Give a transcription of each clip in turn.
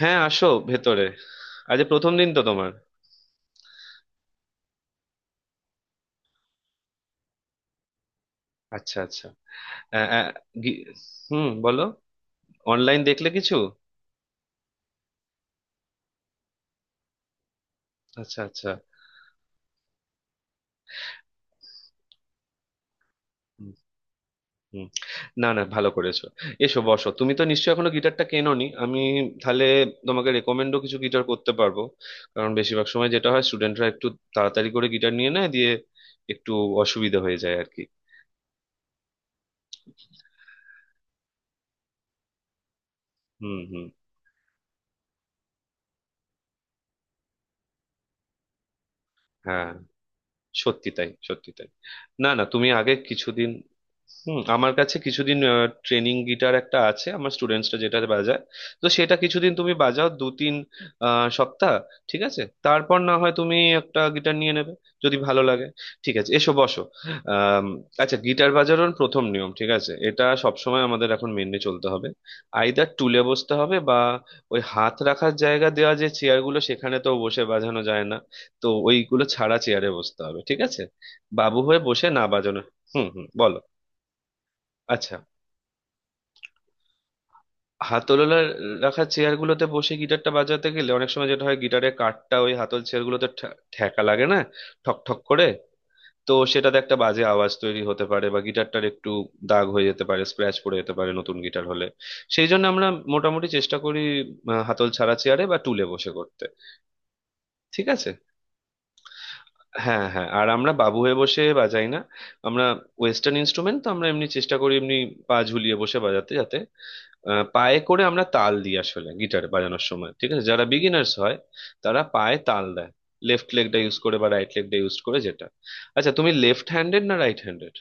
হ্যাঁ, আসো ভেতরে। আজ এ প্রথম দিন তো তোমার? আচ্ছা আচ্ছা। আ, আ, গি- হুম, বলো। অনলাইন দেখলে কিছু? আচ্ছা আচ্ছা। হুম, হুম। না না, ভালো করেছো। এসো বসো, তুমি তো নিশ্চয়ই এখনো গিটারটা কেনোনি। আমি তাহলে তোমাকে রেকমেন্ডও কিছু গিটার করতে পারবো। কারণ বেশিরভাগ সময় যেটা হয়, স্টুডেন্টরা একটু তাড়াতাড়ি করে গিটার নিয়ে নেয়, দিয়ে একটু অসুবিধা হয়ে যায় আর কি। হুম হুম। হ্যাঁ, সত্যি তাই, সত্যি তাই। না না, তুমি আগে কিছুদিন, হুম, আমার কাছে কিছুদিন ট্রেনিং গিটার একটা আছে, আমার স্টুডেন্টসরা যেটা বাজায়। তো সেটা কিছুদিন তুমি বাজাও, দু তিন সপ্তাহ। ঠিক আছে, তারপর না হয় তুমি একটা গিটার নিয়ে নেবে, যদি ভালো লাগে। ঠিক আছে, এসো বসো। আম, আচ্ছা, গিটার বাজানোর প্রথম নিয়ম, ঠিক আছে, এটা সবসময় আমাদের এখন মেনে চলতে হবে। আইদার টুলে বসতে হবে, বা ওই হাত রাখার জায়গা দেওয়া যে চেয়ারগুলো, সেখানে তো বসে বাজানো যায় না। তো ওইগুলো ছাড়া চেয়ারে বসতে হবে, ঠিক আছে? বাবু হয়ে বসে না বাজানো। হুম হুম, বলো। আচ্ছা, হাতলওয়ালা রাখা চেয়ারগুলোতে বসে গিটারটা বাজাতে গেলে অনেক সময় যেটা হয়, গিটারের কাঠটা ওই হাতল চেয়ারগুলোতে ঠেকা লাগে না, ঠক ঠক করে। তো সেটাতে একটা বাজে আওয়াজ তৈরি হতে পারে, বা গিটারটার একটু দাগ হয়ে যেতে পারে, স্ক্র্যাচ পড়ে যেতে পারে নতুন গিটার হলে। সেই জন্য আমরা মোটামুটি চেষ্টা করি হাতল ছাড়া চেয়ারে বা টুলে বসে করতে, ঠিক আছে। হ্যাঁ হ্যাঁ, আর আমরা বাবু হয়ে বসে বাজাই না। আমরা ওয়েস্টার্ন ইনস্ট্রুমেন্ট তো আমরা এমনি চেষ্টা করি, এমনি পা ঝুলিয়ে বসে বাজাতে, যাতে পায়ে করে আমরা তাল দিই আসলে গিটার বাজানোর সময়, ঠিক আছে। যারা বিগিনার্স হয়, তারা পায়ে তাল দেয়, লেফট লেগটা ইউজ করে বা রাইট লেগটা ইউজ করে যেটা। আচ্ছা, তুমি লেফট হ্যান্ডেড না রাইট হ্যান্ডেড?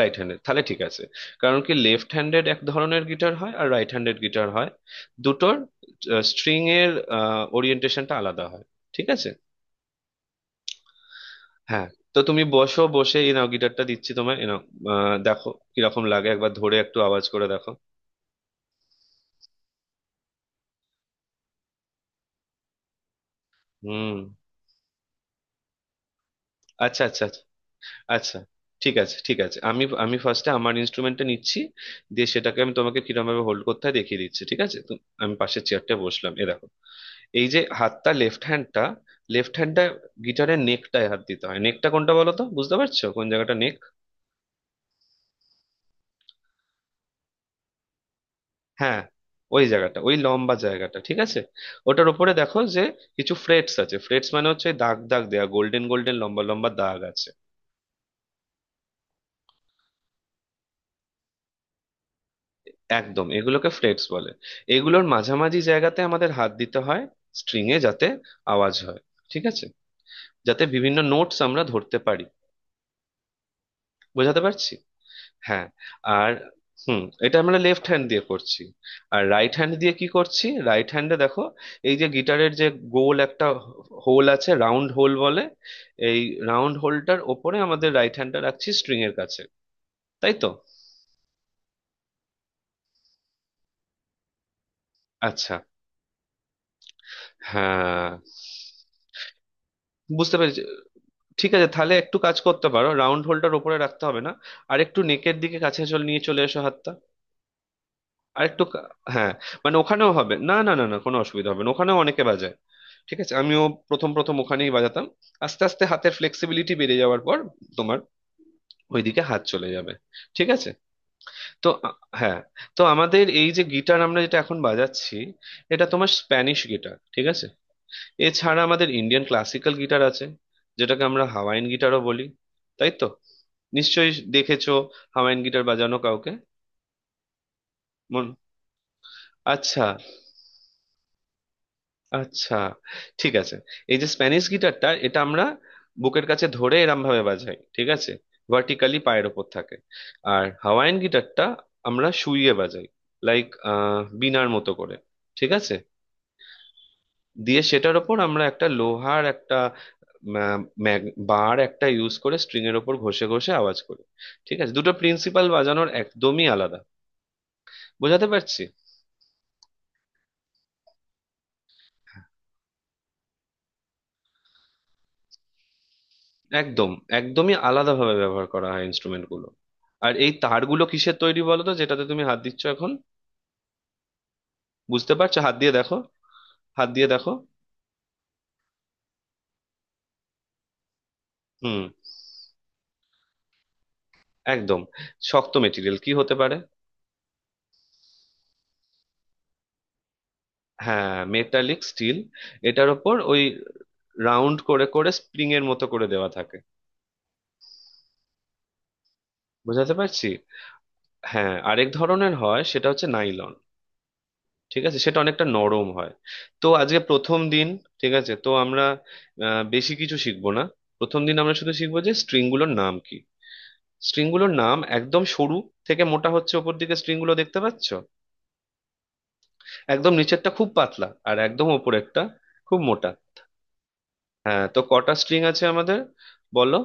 রাইট হ্যান্ডেড, তাহলে ঠিক আছে। কারণ কি, লেফট হ্যান্ডেড এক ধরনের গিটার হয় আর রাইট হ্যান্ডেড গিটার হয়, দুটোর স্ট্রিং এর ওরিয়েন্টেশনটা আলাদা হয়, ঠিক আছে। হ্যাঁ, তো তুমি বসো, বসে এই নাও, গিটারটা দিচ্ছি তোমায়, এই নাও। দেখো কিরকম লাগে, একবার ধরে একটু আওয়াজ করে দেখো। হুম। আচ্ছা আচ্ছা আচ্ছা আচ্ছা। ঠিক আছে, ঠিক আছে, আমি আমি ফার্স্টে আমার ইনস্ট্রুমেন্টটা নিচ্ছি। দিয়ে সেটাকে আমি তোমাকে কিরকম ভাবে হোল্ড করতে হয় দেখিয়ে দিচ্ছি, ঠিক আছে। তো আমি পাশের চেয়ারটা বসলাম, এ দেখো। এই যে হাতটা, লেফট হ্যান্ডটা, লেফট হ্যান্ডটা গিটারের নেকটায় হাত দিতে হয়। নেকটা কোনটা বলো তো, বুঝতে পারছো কোন জায়গাটা নেক? হ্যাঁ, ওই জায়গাটা, ওই লম্বা জায়গাটা, ঠিক আছে। ওটার উপরে দেখো যে কিছু ফ্রেটস আছে। ফ্রেটস মানে হচ্ছে ওই দাগ দাগ দেয়া, গোল্ডেন গোল্ডেন লম্বা লম্বা দাগ আছে। একদম, এগুলোকে ফ্রেটস বলে। এগুলোর মাঝামাঝি জায়গাতে আমাদের হাত দিতে হয় স্ট্রিং এ, যাতে আওয়াজ হয়, ঠিক আছে, যাতে বিভিন্ন নোটস আমরা ধরতে পারি। বোঝাতে পারছি? হ্যাঁ। আর হুম, এটা আমরা লেফট হ্যান্ড দিয়ে করছি। আর রাইট হ্যান্ড দিয়ে কি করছি, রাইট হ্যান্ডে দেখো। এই যে গিটারের যে গোল একটা হোল আছে, রাউন্ড হোল বলে এই। রাউন্ড হোলটার ওপরে আমাদের রাইট হ্যান্ডটা রাখছি স্ট্রিং এর কাছে, তাই তো। আচ্ছা হ্যাঁ, বুঝতে পেরেছি। ঠিক আছে, তাহলে একটু কাজ করতে পারো, রাউন্ড হোলটার ওপরে রাখতে হবে না, আর একটু নেকের দিকে কাছে চলে, নিয়ে চলে এসো হাতটা, আর একটু হ্যাঁ। মানে ওখানেও হবে না, না না না কোনো অসুবিধা হবে না, ওখানেও অনেকে বাজায়, ঠিক আছে। আমিও প্রথম প্রথম ওখানেই বাজাতাম। আস্তে আস্তে হাতের ফ্লেক্সিবিলিটি বেড়ে যাওয়ার পর তোমার ওইদিকে হাত চলে যাবে, ঠিক আছে। তো হ্যাঁ, তো আমাদের এই যে গিটার আমরা যেটা এখন বাজাচ্ছি, এটা তোমার স্প্যানিশ গিটার, ঠিক আছে। এছাড়া আমাদের ইন্ডিয়ান ক্লাসিক্যাল গিটার আছে, যেটাকে আমরা হাওয়াইন গিটারও বলি, তাই তো। নিশ্চয়ই দেখেছো হাওয়াইন গিটার বাজানো কাউকে। মন। আচ্ছা আচ্ছা, ঠিক আছে। এই যে স্প্যানিশ গিটারটা, এটা আমরা বুকের কাছে ধরে এরম ভাবে বাজাই, ঠিক আছে, ভার্টিক্যালি পায়ের ওপর থাকে। আর হাওয়াইয়ান গিটারটা আমরা শুইয়ে বাজাই, লাইক বীণার মতো করে, ঠিক আছে। দিয়ে সেটার ওপর আমরা একটা লোহার একটা বার একটা ইউজ করে স্ট্রিং এর ওপর ঘষে ঘষে আওয়াজ করি, ঠিক আছে। দুটো প্রিন্সিপাল বাজানোর একদমই আলাদা। বোঝাতে পারছি? একদম, একদমই আলাদাভাবে ব্যবহার করা হয় ইনস্ট্রুমেন্ট গুলো। আর এই তারগুলো কিসের তৈরি বলো তো, যেটাতে তুমি হাত দিচ্ছ এখন? বুঝতে পারছো? হাত দিয়ে দেখো, হাত দিয়ে দেখো। হুম। একদম। শক্ত মেটেরিয়াল কি হতে পারে? হ্যাঁ, মেটালিক স্টিল। এটার ওপর ওই রাউন্ড করে করে স্প্রিং এর মতো করে দেওয়া থাকে। বুঝাতে পারছি? হ্যাঁ, আরেক ধরনের হয়, সেটা হচ্ছে নাইলন, ঠিক আছে, সেটা অনেকটা নরম হয়। তো আজকে প্রথম দিন, ঠিক আছে, তো আমরা বেশি কিছু শিখবো না। প্রথম দিন আমরা শুধু শিখবো যে স্ট্রিংগুলোর নাম কি। স্ট্রিংগুলোর নাম একদম সরু থেকে মোটা হচ্ছে, ওপর দিকে স্ট্রিংগুলো দেখতে পাচ্ছ। একদম নিচেরটা খুব পাতলা আর একদম ওপরেরটা খুব মোটা। হ্যাঁ, তো কটা স্ট্রিং আছে আমাদের, বলো।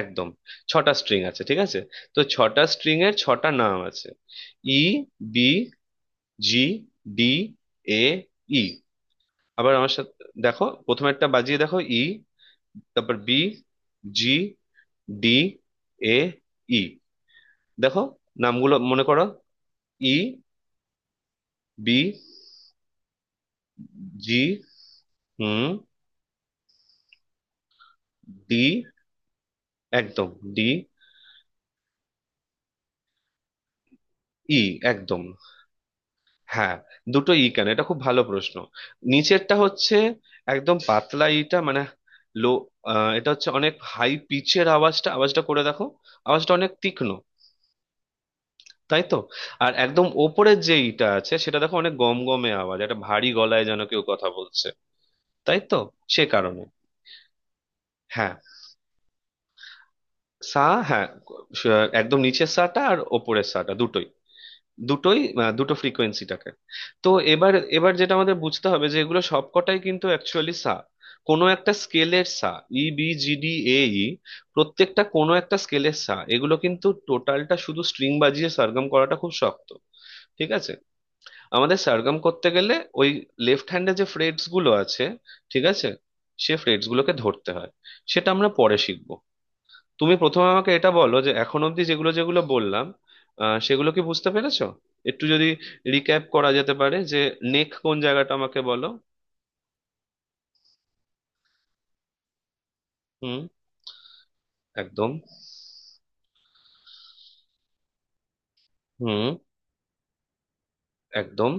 একদম, ছটা স্ট্রিং আছে, ঠিক আছে। তো ছটা স্ট্রিং এর ছটা নাম আছে। E, B, G, D, A, E. আবার আমার সাথে দেখো, প্রথমে একটা বাজিয়ে দেখো, ই, তারপর B, G, D, A, E. দেখো, নামগুলো মনে করো। E, B, G, hmm, D. একদম, ডি, ই। একদম, হ্যাঁ, দুটো ই কেন, এটা খুব ভালো প্রশ্ন। নিচেরটা হচ্ছে একদম পাতলা ইটা, মানে লো, এটা হচ্ছে অনেক হাই পিচের আওয়াজটা, আওয়াজটা করে দেখো, আওয়াজটা অনেক তীক্ষ্ণ, তাই তো। আর একদম ওপরের যে ইটা আছে, সেটা দেখো অনেক গমগমে আওয়াজ, একটা ভারী গলায় যেন কেউ কথা বলছে, তাই তো। সে কারণে। হ্যাঁ, সা। হ্যাঁ, একদম নিচের সাটা আর ওপরের সাটা দুটোই, দুটোই দুটো ফ্রিকোয়েন্সিটাকে। তো এবার এবার যেটা আমাদের বুঝতে হবে যে এগুলো সবকটাই কিন্তু অ্যাকচুয়ালি সা, কোনো একটা স্কেলের সা। E, B, G, D, A, E, প্রত্যেকটা কোনো একটা স্কেলের সা। এগুলো কিন্তু টোটালটা শুধু স্ট্রিং বাজিয়ে সরগম করাটা খুব শক্ত, ঠিক আছে। আমাদের সারগম করতে গেলে ওই লেফট হ্যান্ডে যে ফ্রেটস গুলো আছে, ঠিক আছে, সে ফ্রেটস গুলোকে ধরতে হয়। সেটা আমরা পরে শিখবো। তুমি প্রথমে আমাকে এটা বলো যে এখন অবধি যেগুলো যেগুলো বললাম, সেগুলো কি বুঝতে পেরেছো? একটু যদি রিক্যাপ করা যেতে পারে, যে নেক কোন জায়গাটা আমাকে বলো। হুম। একদম। হুম। একদম।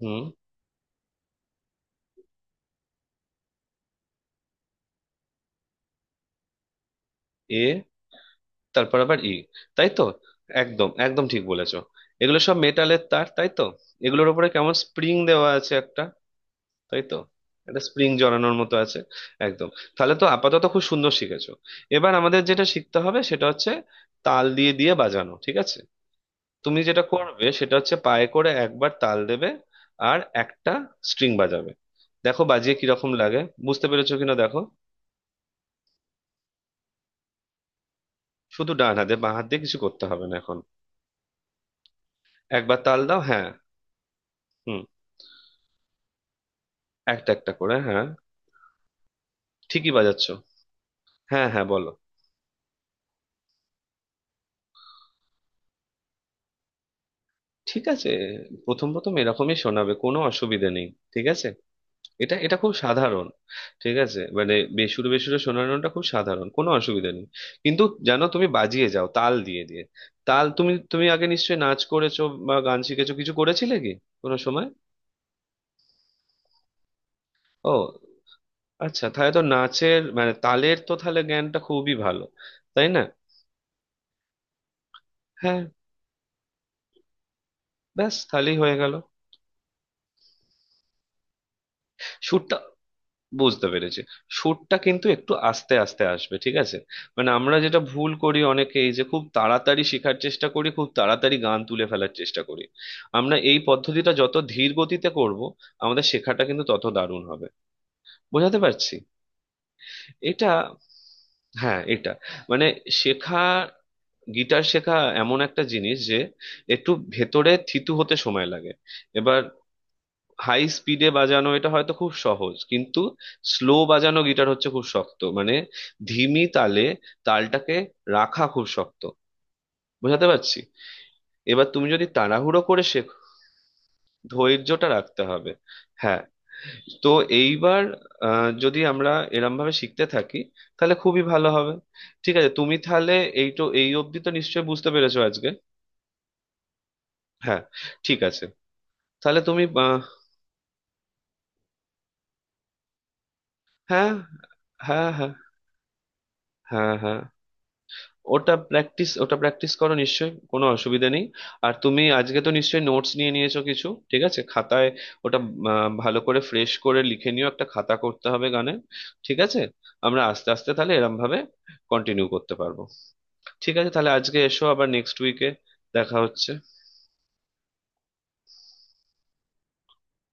হুম। এ, তারপর আবার ই, তাই তো। একদম, একদম ঠিক বলেছো। এগুলো সব মেটালের তার, তাই তো। এগুলোর উপরে কেমন স্প্রিং দেওয়া আছে একটা, তাই তো। এটা স্প্রিং জড়ানোর মতো আছে। একদম। তাহলে তো আপাতত খুব সুন্দর শিখেছো। এবার আমাদের যেটা শিখতে হবে সেটা হচ্ছে তাল দিয়ে দিয়ে বাজানো, ঠিক আছে। তুমি যেটা করবে সেটা হচ্ছে পায়ে করে একবার তাল দেবে আর একটা স্ট্রিং বাজাবে। দেখো বাজিয়ে কিরকম লাগে, বুঝতে পেরেছো কিনা দেখো। শুধু ডান হাতে, বাঁ হাত দিয়ে কিছু করতে হবে না এখন। একবার তাল দাও, হ্যাঁ। হুম, একটা একটা করে, হ্যাঁ, ঠিকই বাজাচ্ছো। হ্যাঁ হ্যাঁ, বলো। ঠিক আছে, প্রথম প্রথম এরকমই শোনাবে, কোনো অসুবিধে নেই, ঠিক আছে, এটা এটা খুব সাধারণ। ঠিক আছে, মানে বেসুরো বেসুরো শোনানোটা খুব সাধারণ, কোনো অসুবিধা নেই। কিন্তু জানো, তুমি বাজিয়ে যাও তাল দিয়ে দিয়ে, তাল, তুমি তুমি আগে নিশ্চয়ই নাচ করেছো বা গান শিখেছো, কিছু করেছিলে কি কোনো সময়? ও, আচ্ছা, তাহলে তো নাচের মানে তালের তো তাহলে জ্ঞানটা খুবই ভালো, তাই না। হ্যাঁ, ব্যাস, তাহলেই হয়ে গেল। সুরটা, বুঝতে পেরেছি। সুরটা কিন্তু একটু আস্তে আস্তে আসবে, ঠিক আছে। মানে আমরা যেটা ভুল করি অনেকে, এই যে খুব তাড়াতাড়ি শেখার চেষ্টা করি, খুব তাড়াতাড়ি গান তুলে ফেলার চেষ্টা করি, আমরা এই পদ্ধতিটা যত ধীর গতিতে করব, আমাদের শেখাটা কিন্তু তত দারুণ হবে। বোঝাতে পারছি? এটা হ্যাঁ, এটা মানে শেখা, গিটার শেখা এমন একটা জিনিস যে একটু ভেতরে থিতু হতে সময় লাগে। এবার হাই স্পিডে বাজানো এটা হয়তো খুব সহজ, কিন্তু স্লো বাজানো গিটার হচ্ছে খুব শক্ত, মানে ধিমি তালে তালটাকে রাখা খুব শক্ত। বোঝাতে পারছি? এবার তুমি যদি তাড়াহুড়ো করে শেখো, ধৈর্যটা রাখতে হবে। হ্যাঁ, তো এইবার যদি আমরা এরম ভাবে শিখতে থাকি, তাহলে খুবই ভালো হবে। ঠিক আছে, তুমি তাহলে এই তো, এই অবধি তো নিশ্চয়ই বুঝতে পেরেছো আজকে। হ্যাঁ। ঠিক আছে, তাহলে তুমি হ্যাঁ হ্যাঁ হ্যাঁ হ্যাঁ হ্যাঁ। ওটা প্র্যাকটিস করো, নিশ্চয়ই কোনো অসুবিধা নেই। আর তুমি আজকে তো নিশ্চয়ই নোটস নিয়ে নিয়েছো কিছু, ঠিক আছে, খাতায়। ওটা ভালো করে ফ্রেশ করে লিখে নিও, একটা খাতা করতে হবে গানের, ঠিক আছে। আমরা আস্তে আস্তে তাহলে এরম ভাবে কন্টিনিউ করতে পারবো। ঠিক আছে, তাহলে আজকে এসো, আবার নেক্সট উইকে দেখা হচ্ছে।